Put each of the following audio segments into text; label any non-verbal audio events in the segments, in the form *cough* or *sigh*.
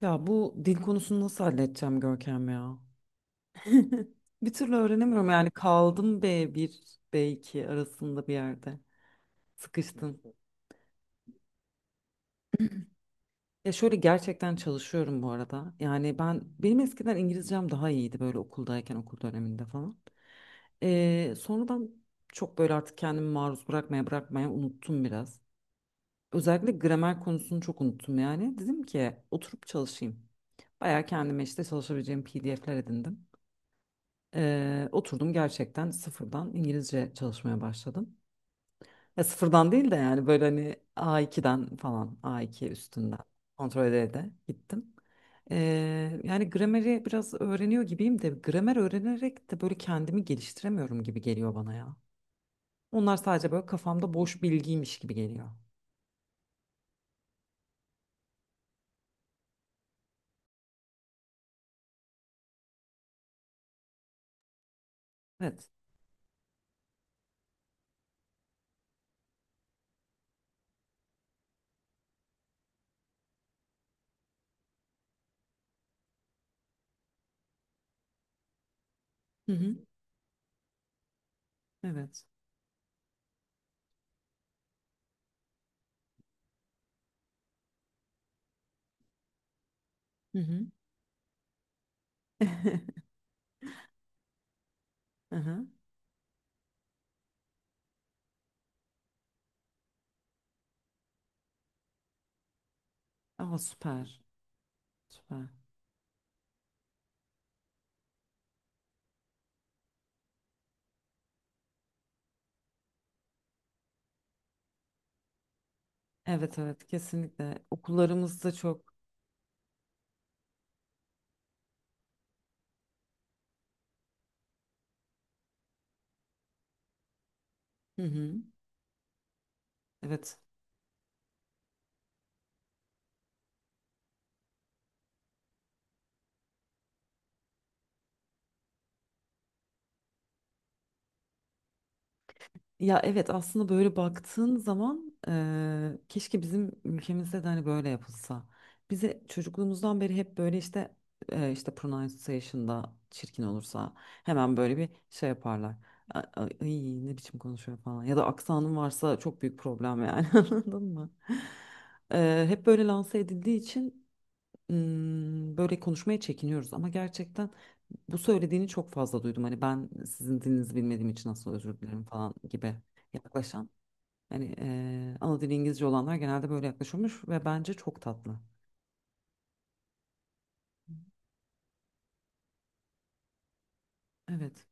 Ya bu dil konusunu nasıl halledeceğim Görkem ya? *laughs* Bir türlü öğrenemiyorum yani kaldım bir B2 arasında bir yerde. Sıkıştım. Ya şöyle gerçekten çalışıyorum bu arada. Yani benim eskiden İngilizcem daha iyiydi böyle okuldayken okul döneminde falan. Sonradan çok böyle artık kendimi maruz bırakmaya unuttum biraz. Özellikle gramer konusunu çok unuttum yani. Dedim ki oturup çalışayım. Bayağı kendime işte çalışabileceğim PDF'ler edindim. Oturdum gerçekten sıfırdan İngilizce çalışmaya başladım. Ya sıfırdan değil de yani böyle hani A2'den falan A2 üstünden kontrol ede de gittim. Yani grameri biraz öğreniyor gibiyim de gramer öğrenerek de böyle kendimi geliştiremiyorum gibi geliyor bana ya. Onlar sadece böyle kafamda boş bilgiymiş gibi geliyor. Evet. Hı hı. Evet. Hı hı. *laughs* Hı hı. Ama süper. Süper. Evet, evet, kesinlikle okullarımızda çok. Hı hı. Evet. Ya evet aslında böyle baktığın zaman keşke bizim ülkemizde de hani böyle yapılsa. Bize çocukluğumuzdan beri hep böyle işte pronunciation'da çirkin olursa hemen böyle bir şey yaparlar. Ay, ne biçim konuşuyor falan. Ya da aksanın varsa çok büyük problem yani *laughs* anladın mı? Hep böyle lanse edildiği için böyle konuşmaya çekiniyoruz ama gerçekten bu söylediğini çok fazla duydum. Hani ben sizin dilinizi bilmediğim için nasıl özür dilerim falan gibi yaklaşan. Hani ana dili İngilizce olanlar genelde böyle yaklaşıyormuş ve bence çok tatlı. Evet,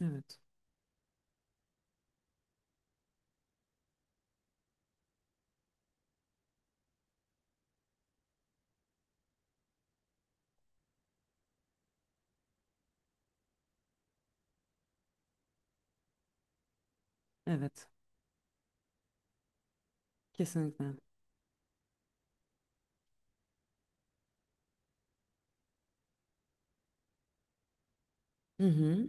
evet, evet. Kesinlikle. Hı hı.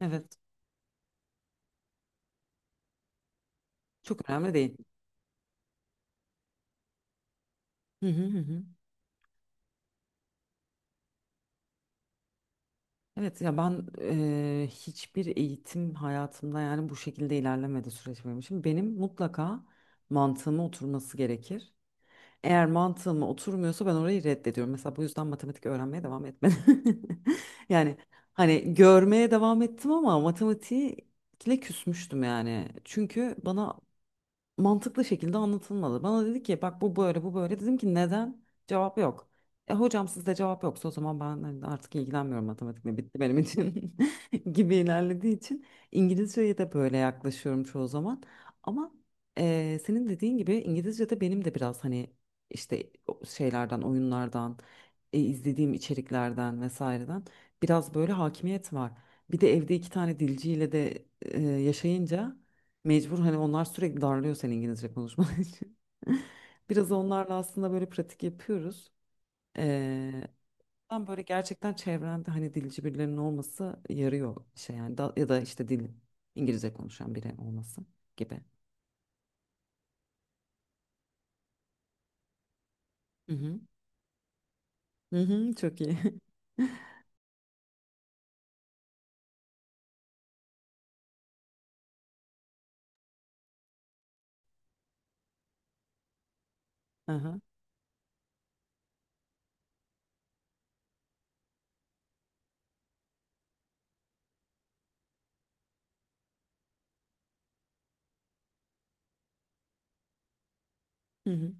Evet. Çok önemli değil. Hı hı hı. Hı. Evet ya ben hiçbir eğitim hayatımda yani bu şekilde ilerlemedi süreç benim için. Benim mutlaka mantığıma oturması gerekir. Eğer mantığıma oturmuyorsa ben orayı reddediyorum. Mesela bu yüzden matematik öğrenmeye devam etmedim. *laughs* Yani hani görmeye devam ettim ama matematiğe küsmüştüm yani. Çünkü bana mantıklı şekilde anlatılmadı. Bana dedi ki bak bu böyle bu böyle. Dedim ki neden? Cevap yok. E hocam sizde cevap yoksa o zaman ben hani artık ilgilenmiyorum matematikle bitti benim için *laughs* gibi ilerlediği için İngilizceye de böyle yaklaşıyorum çoğu zaman. Ama senin dediğin gibi İngilizce'de benim de biraz hani işte o şeylerden oyunlardan izlediğim içeriklerden vesaireden biraz böyle hakimiyet var. Bir de evde iki tane dilciyle de yaşayınca mecbur hani onlar sürekli darlıyor senin İngilizce konuşman için. *laughs* Biraz onlarla aslında böyle pratik yapıyoruz. Ee, Ben böyle gerçekten çevrende hani dilci birilerinin olması yarıyor şey yani ya da işte İngilizce konuşan biri olması gibi. Hı hı. Hı hı, çok iyi. *laughs* Aha. Hı hı.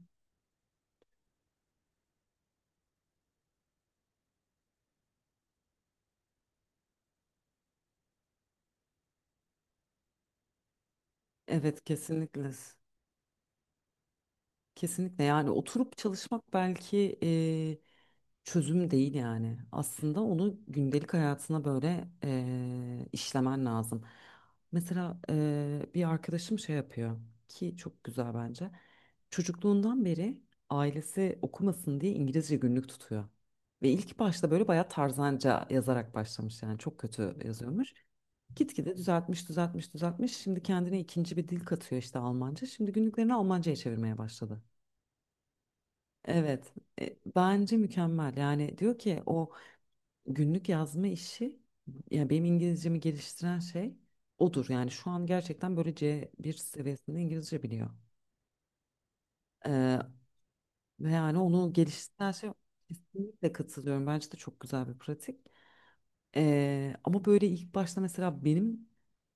Evet, kesinlikle. Kesinlikle yani oturup çalışmak belki çözüm değil yani. Aslında onu gündelik hayatına böyle işlemen lazım. Mesela bir arkadaşım şey yapıyor ki çok güzel bence. Çocukluğundan beri ailesi okumasın diye İngilizce günlük tutuyor. Ve ilk başta böyle bayağı tarzanca yazarak başlamış yani çok kötü yazıyormuş. Gitgide düzeltmiş. Şimdi kendine ikinci bir dil katıyor işte Almanca. Şimdi günlüklerini Almanca'ya çevirmeye başladı. Evet, bence mükemmel. Yani diyor ki o günlük yazma işi, ya benim İngilizcemi geliştiren şey odur. Yani şu an gerçekten böyle bir seviyesinde İngilizce biliyor. Ee, Ve yani onu geliştiren şey kesinlikle katılıyorum. Bence de çok güzel bir pratik. Ama böyle ilk başta mesela benim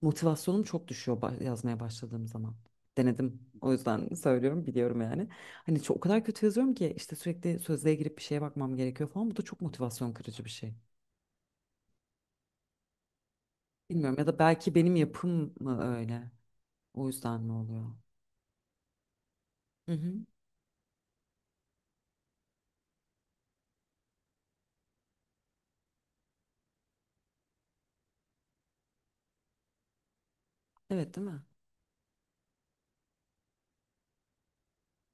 motivasyonum çok düşüyor yazmaya başladığım zaman. Denedim. O yüzden *laughs* söylüyorum, biliyorum yani. Hani çok, o kadar kötü yazıyorum ki işte sürekli sözlüğe girip bir şeye bakmam gerekiyor falan. Bu da çok motivasyon kırıcı bir şey. Bilmiyorum ya da belki benim yapım mı öyle? O yüzden mi oluyor? Hı hı. Evet, değil mi?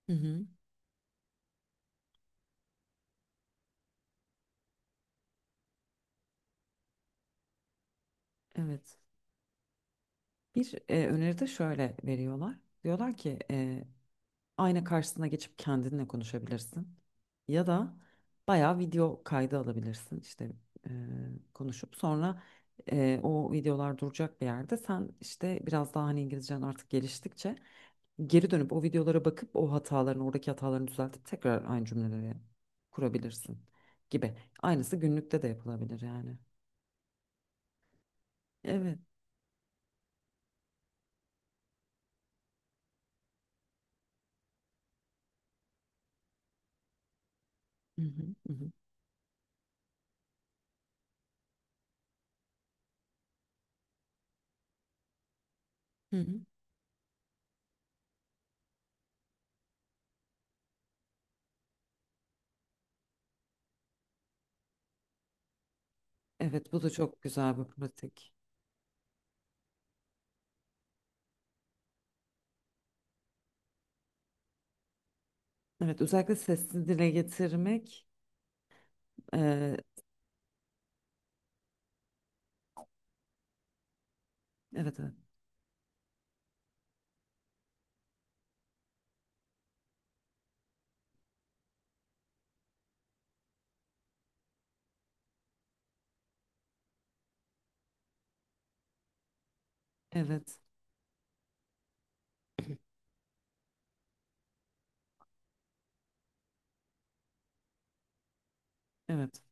Hı hı. Evet. Bir öneri de şöyle veriyorlar. Diyorlar ki ayna karşısına geçip kendinle konuşabilirsin. Ya da bayağı video kaydı alabilirsin. İşte e, konuşup sonra o videolar duracak bir yerde sen işte biraz daha hani İngilizcen artık geliştikçe geri dönüp o videolara bakıp o hatalarını oradaki hatalarını düzeltip tekrar aynı cümleleri kurabilirsin gibi. Aynısı günlükte de yapılabilir yani. Evet. Hı hı, hı hı, hı hı. Evet, bu da çok güzel bir pratik. Evet, özellikle sesli dile getirmek e, evet, evet. Evet, evet.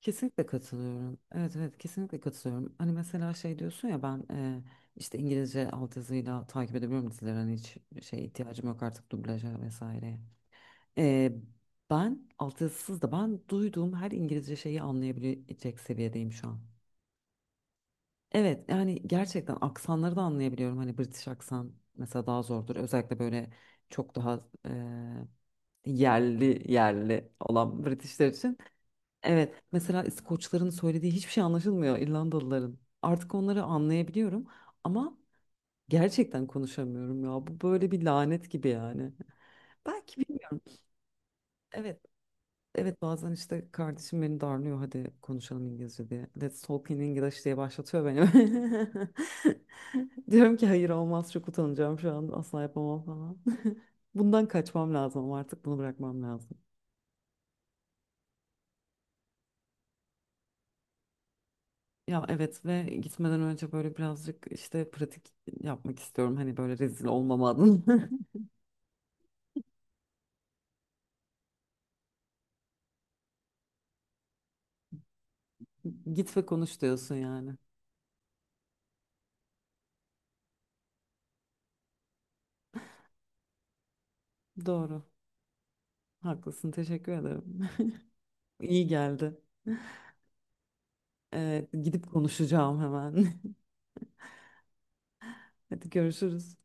Kesinlikle katılıyorum. Evet, evet, kesinlikle katılıyorum. Hani mesela şey diyorsun ya ben işte İngilizce altyazıyla takip edebiliyorum dizileri. Hani hiç ihtiyacım yok artık dublaja vesaire. E, Altyazısız da ben duyduğum her İngilizce şeyi anlayabilecek seviyedeyim şu an. Evet, yani gerçekten aksanları da anlayabiliyorum. Hani British aksan mesela daha zordur. Özellikle böyle çok daha e, yerli yerli olan Britishler için. Evet, mesela İskoçların söylediği hiçbir şey anlaşılmıyor, İrlandalıların. Artık onları anlayabiliyorum ama gerçekten konuşamıyorum ya. Bu böyle bir lanet gibi yani. Belki bilmiyorum. Evet, evet bazen işte kardeşim beni darlıyor hadi konuşalım İngilizce diye. Let's talk in English diye başlatıyor beni. *laughs* Diyorum ki hayır olmaz çok utanacağım şu an asla yapamam falan. *laughs* Bundan kaçmam lazım ama artık bunu bırakmam lazım. Ya evet ve gitmeden önce böyle birazcık işte pratik yapmak istiyorum. Hani böyle rezil olmama adına. *laughs* Git ve konuş diyorsun yani. Doğru. Haklısın. Teşekkür ederim. *laughs* İyi geldi. Gidip konuşacağım hemen. *laughs* Hadi görüşürüz.